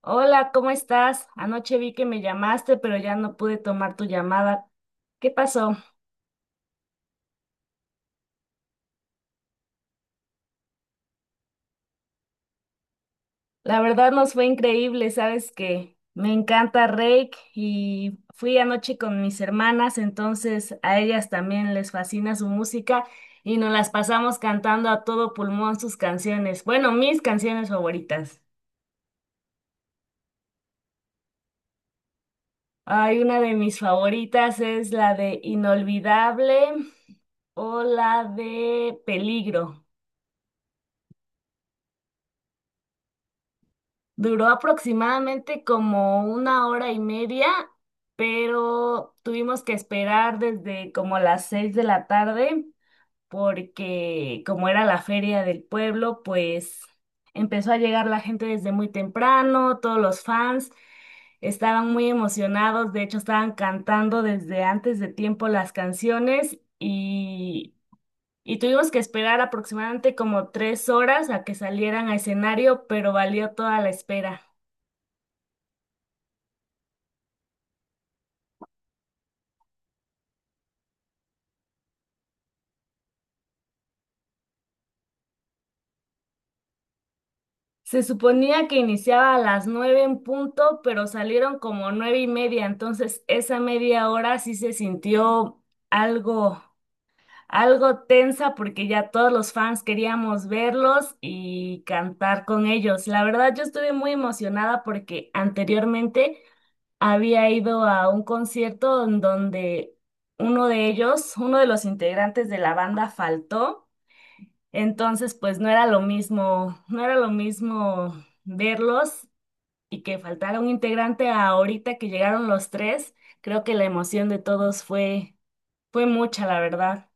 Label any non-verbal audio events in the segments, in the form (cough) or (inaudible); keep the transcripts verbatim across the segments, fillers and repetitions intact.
Hola, ¿cómo estás? Anoche vi que me llamaste, pero ya no pude tomar tu llamada. ¿Qué pasó? La verdad nos fue increíble, sabes que me encanta Rake y fui anoche con mis hermanas, entonces a ellas también les fascina su música y nos las pasamos cantando a todo pulmón sus canciones, bueno, mis canciones favoritas. Hay una de mis favoritas, es la de Inolvidable o la de Peligro. Duró aproximadamente como una hora y media, pero tuvimos que esperar desde como las seis de la tarde porque, como era la feria del pueblo, pues empezó a llegar la gente desde muy temprano. Todos los fans estaban muy emocionados, de hecho estaban cantando desde antes de tiempo las canciones, y, y tuvimos que esperar aproximadamente como tres horas a que salieran a escenario, pero valió toda la espera. Se suponía que iniciaba a las nueve en punto, pero salieron como nueve y media, entonces esa media hora sí se sintió algo, algo tensa, porque ya todos los fans queríamos verlos y cantar con ellos. La verdad, yo estuve muy emocionada porque anteriormente había ido a un concierto en donde uno de ellos, uno de los integrantes de la banda, faltó. Entonces pues no era lo mismo, no era lo mismo verlos y que faltara un integrante a ahorita que llegaron los tres. Creo que la emoción de todos fue, fue mucha, la verdad.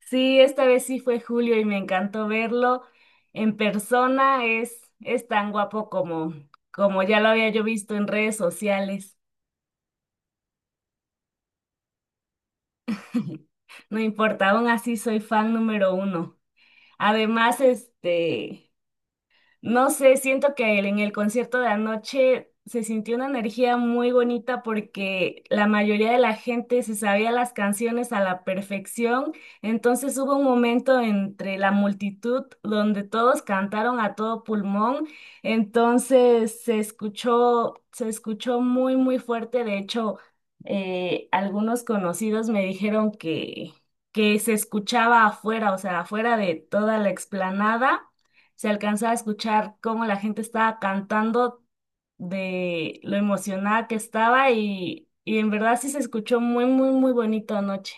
Sí, esta vez sí fue Julio y me encantó verlo en persona. Es, es tan guapo como, como ya lo había yo visto en redes sociales. (laughs) No importa, aún así soy fan número uno. Además, este, no sé, siento que en el concierto de anoche se sintió una energía muy bonita, porque la mayoría de la gente se sabía las canciones a la perfección. Entonces hubo un momento entre la multitud donde todos cantaron a todo pulmón, entonces se escuchó, se escuchó muy, muy fuerte. De hecho, eh, algunos conocidos me dijeron que, que se escuchaba afuera, o sea, afuera de toda la explanada se alcanza a escuchar cómo la gente estaba cantando de lo emocionada que estaba, y, y en verdad sí se escuchó muy, muy, muy bonito anoche.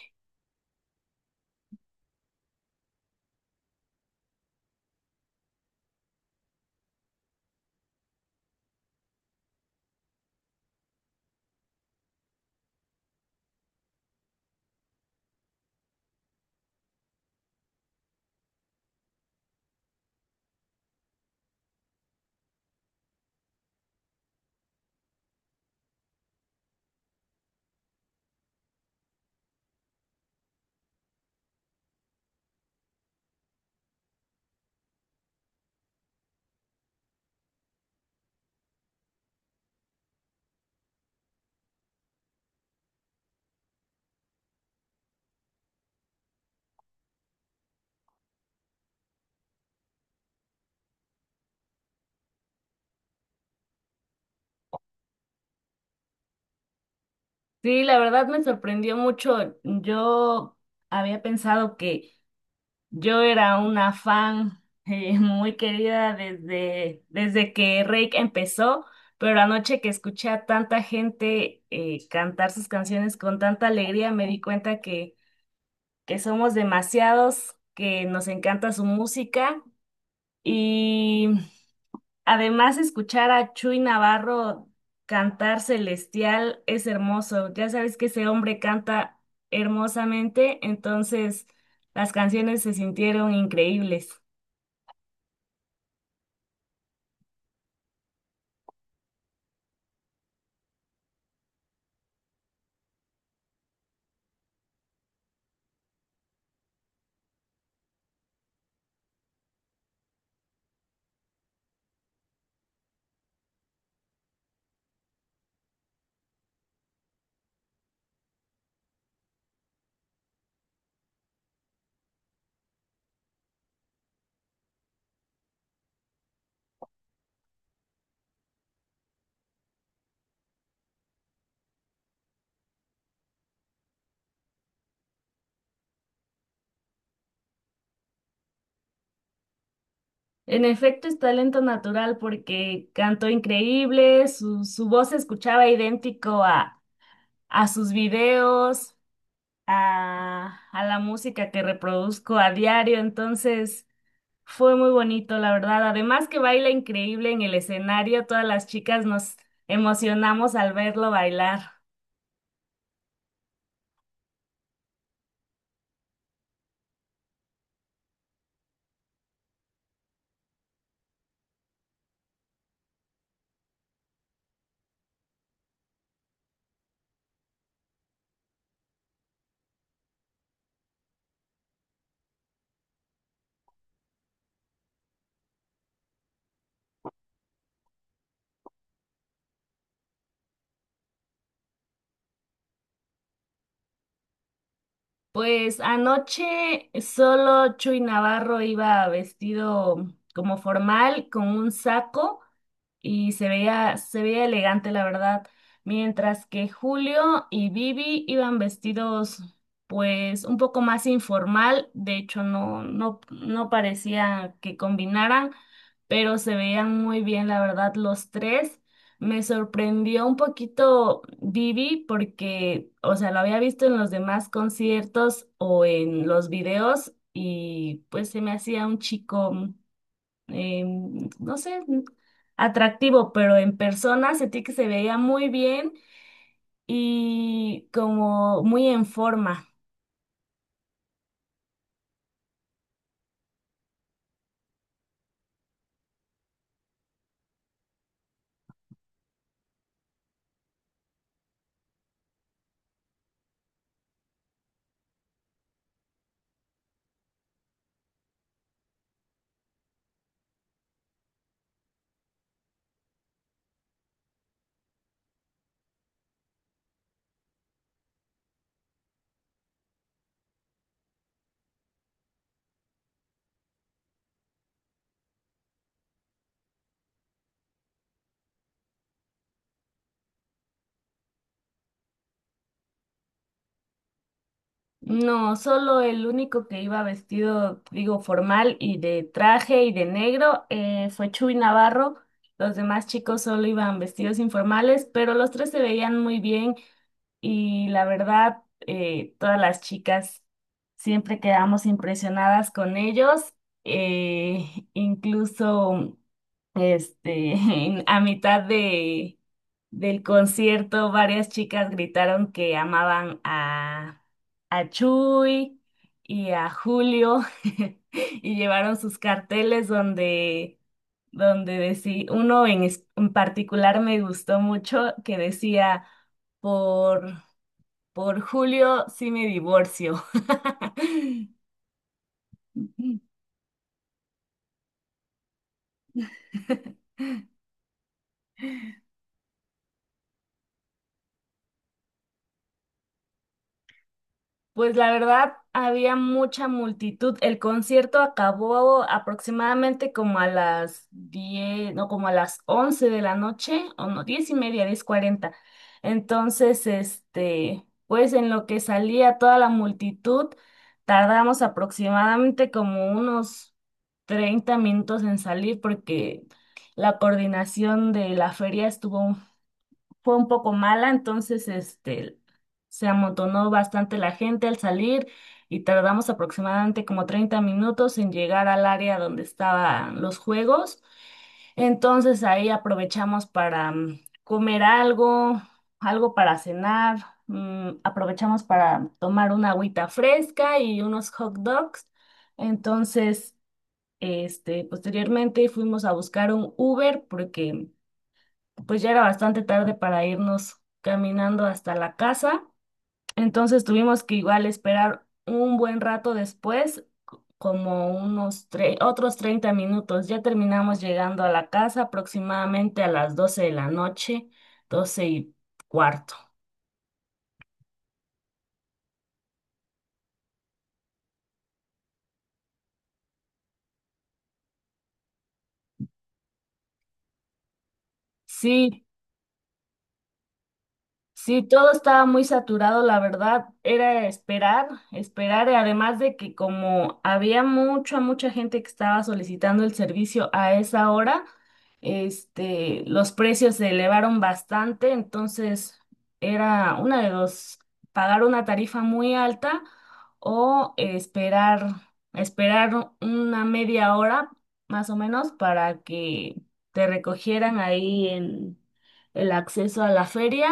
Sí, la verdad me sorprendió mucho. Yo había pensado que yo era una fan (laughs) eh, muy querida desde, desde que Rake empezó, pero anoche que escuché a tanta gente eh, cantar sus canciones con tanta alegría, me di cuenta que que somos demasiados, que nos encanta su música, y además escuchar a Chuy Navarro cantar Celestial es hermoso. Ya sabes que ese hombre canta hermosamente, entonces las canciones se sintieron increíbles. En efecto, es talento natural, porque cantó increíble, su, su voz se escuchaba idéntico a, a sus videos, a, a la música que reproduzco a diario. Entonces fue muy bonito, la verdad. Además que baila increíble en el escenario, todas las chicas nos emocionamos al verlo bailar. Pues anoche solo Chuy Navarro iba vestido como formal, con un saco, y se veía, se veía elegante, la verdad. Mientras que Julio y Vivi iban vestidos, pues, un poco más informal. De hecho, no, no, no parecía que combinaran, pero se veían muy bien, la verdad, los tres. Me sorprendió un poquito Vivi porque, o sea, lo había visto en los demás conciertos o en los videos, y pues se me hacía un chico eh, no sé, atractivo, pero en persona sentí que se veía muy bien y como muy en forma. No, solo el único que iba vestido, digo, formal y de traje y de negro, eh, fue Chuy Navarro. Los demás chicos solo iban vestidos informales, pero los tres se veían muy bien, y la verdad, eh, todas las chicas siempre quedamos impresionadas con ellos. eh, Incluso, Este, (laughs) a mitad de, del concierto, varias chicas gritaron que amaban a, a Chuy y a Julio, (laughs) y llevaron sus carteles donde, donde decía, uno en, es- en particular me gustó mucho que decía: por, por Julio sí me divorcio. (laughs) Pues la verdad, había mucha multitud. El concierto acabó aproximadamente como a las diez, no, como a las once de la noche, o no, diez y media, diez cuarenta. Entonces, este, pues en lo que salía toda la multitud, tardamos aproximadamente como unos treinta minutos en salir, porque la coordinación de la feria estuvo fue un poco mala. Entonces este, se amontonó bastante la gente al salir y tardamos aproximadamente como treinta minutos en llegar al área donde estaban los juegos. Entonces ahí aprovechamos para mm, comer algo, algo para cenar, mm, aprovechamos para tomar una agüita fresca y unos hot dogs. Entonces este, posteriormente fuimos a buscar un Uber, porque pues ya era bastante tarde para irnos caminando hasta la casa, entonces tuvimos que igual esperar un buen rato después, c- como unos tre- otros treinta minutos. Ya terminamos llegando a la casa aproximadamente a las doce de la noche, doce y cuarto. Sí, sí, todo estaba muy saturado, la verdad. Era esperar, esperar, y además de que como había mucha, mucha gente que estaba solicitando el servicio a esa hora, este, los precios se elevaron bastante. Entonces era una de dos: pagar una tarifa muy alta, o esperar, esperar una media hora más o menos para que te recogieran ahí en el acceso a la feria,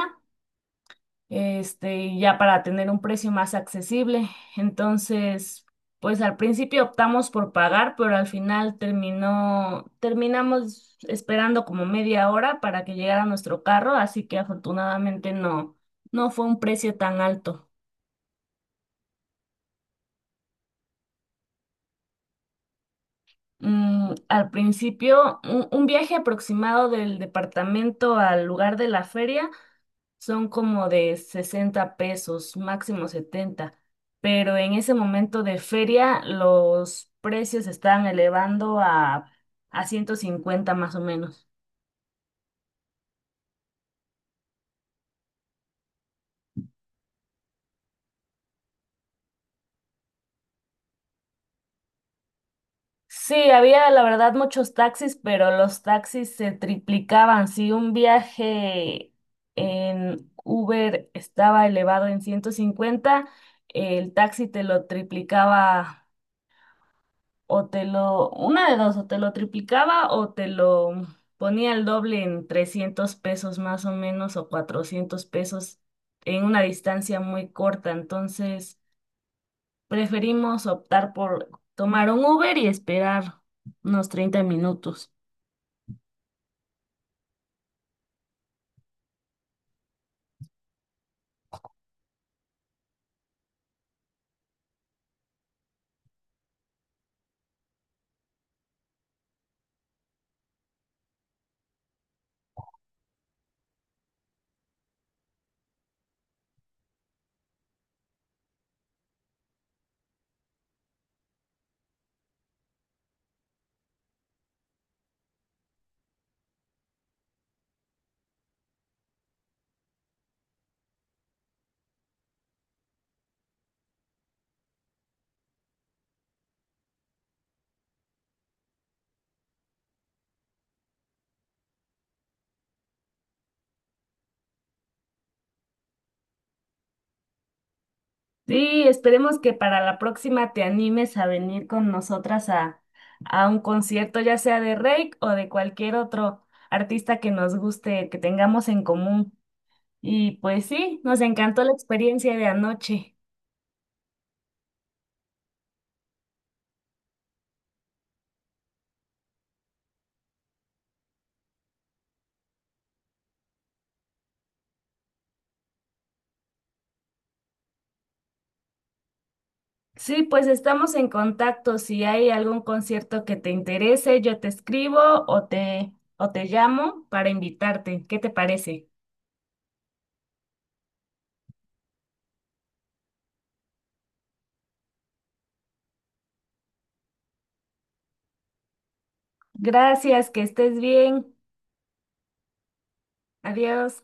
este, ya para tener un precio más accesible. Entonces, pues al principio optamos por pagar, pero al final terminó, terminamos esperando como media hora para que llegara nuestro carro, así que afortunadamente no, no fue un precio tan alto. Mm, al principio, un, un viaje aproximado del departamento al lugar de la feria son como de sesenta pesos, máximo setenta, pero en ese momento de feria los precios se estaban elevando a, a ciento cincuenta más o menos. Sí, había la verdad muchos taxis, pero los taxis se triplicaban. Si un viaje en Uber estaba elevado en ciento cincuenta, el taxi te lo triplicaba, o te lo, una de dos, o te lo triplicaba o te lo ponía el doble en trescientos pesos más o menos, o cuatrocientos pesos en una distancia muy corta. Entonces preferimos optar por tomar un Uber y esperar unos treinta minutos. Sí, esperemos que para la próxima te animes a venir con nosotras a, a un concierto, ya sea de Reik o de cualquier otro artista que nos guste, que tengamos en común. Y pues sí, nos encantó la experiencia de anoche. Sí, pues estamos en contacto. Si hay algún concierto que te interese, yo te escribo o te o te llamo para invitarte. ¿Qué te parece? Gracias, que estés bien. Adiós.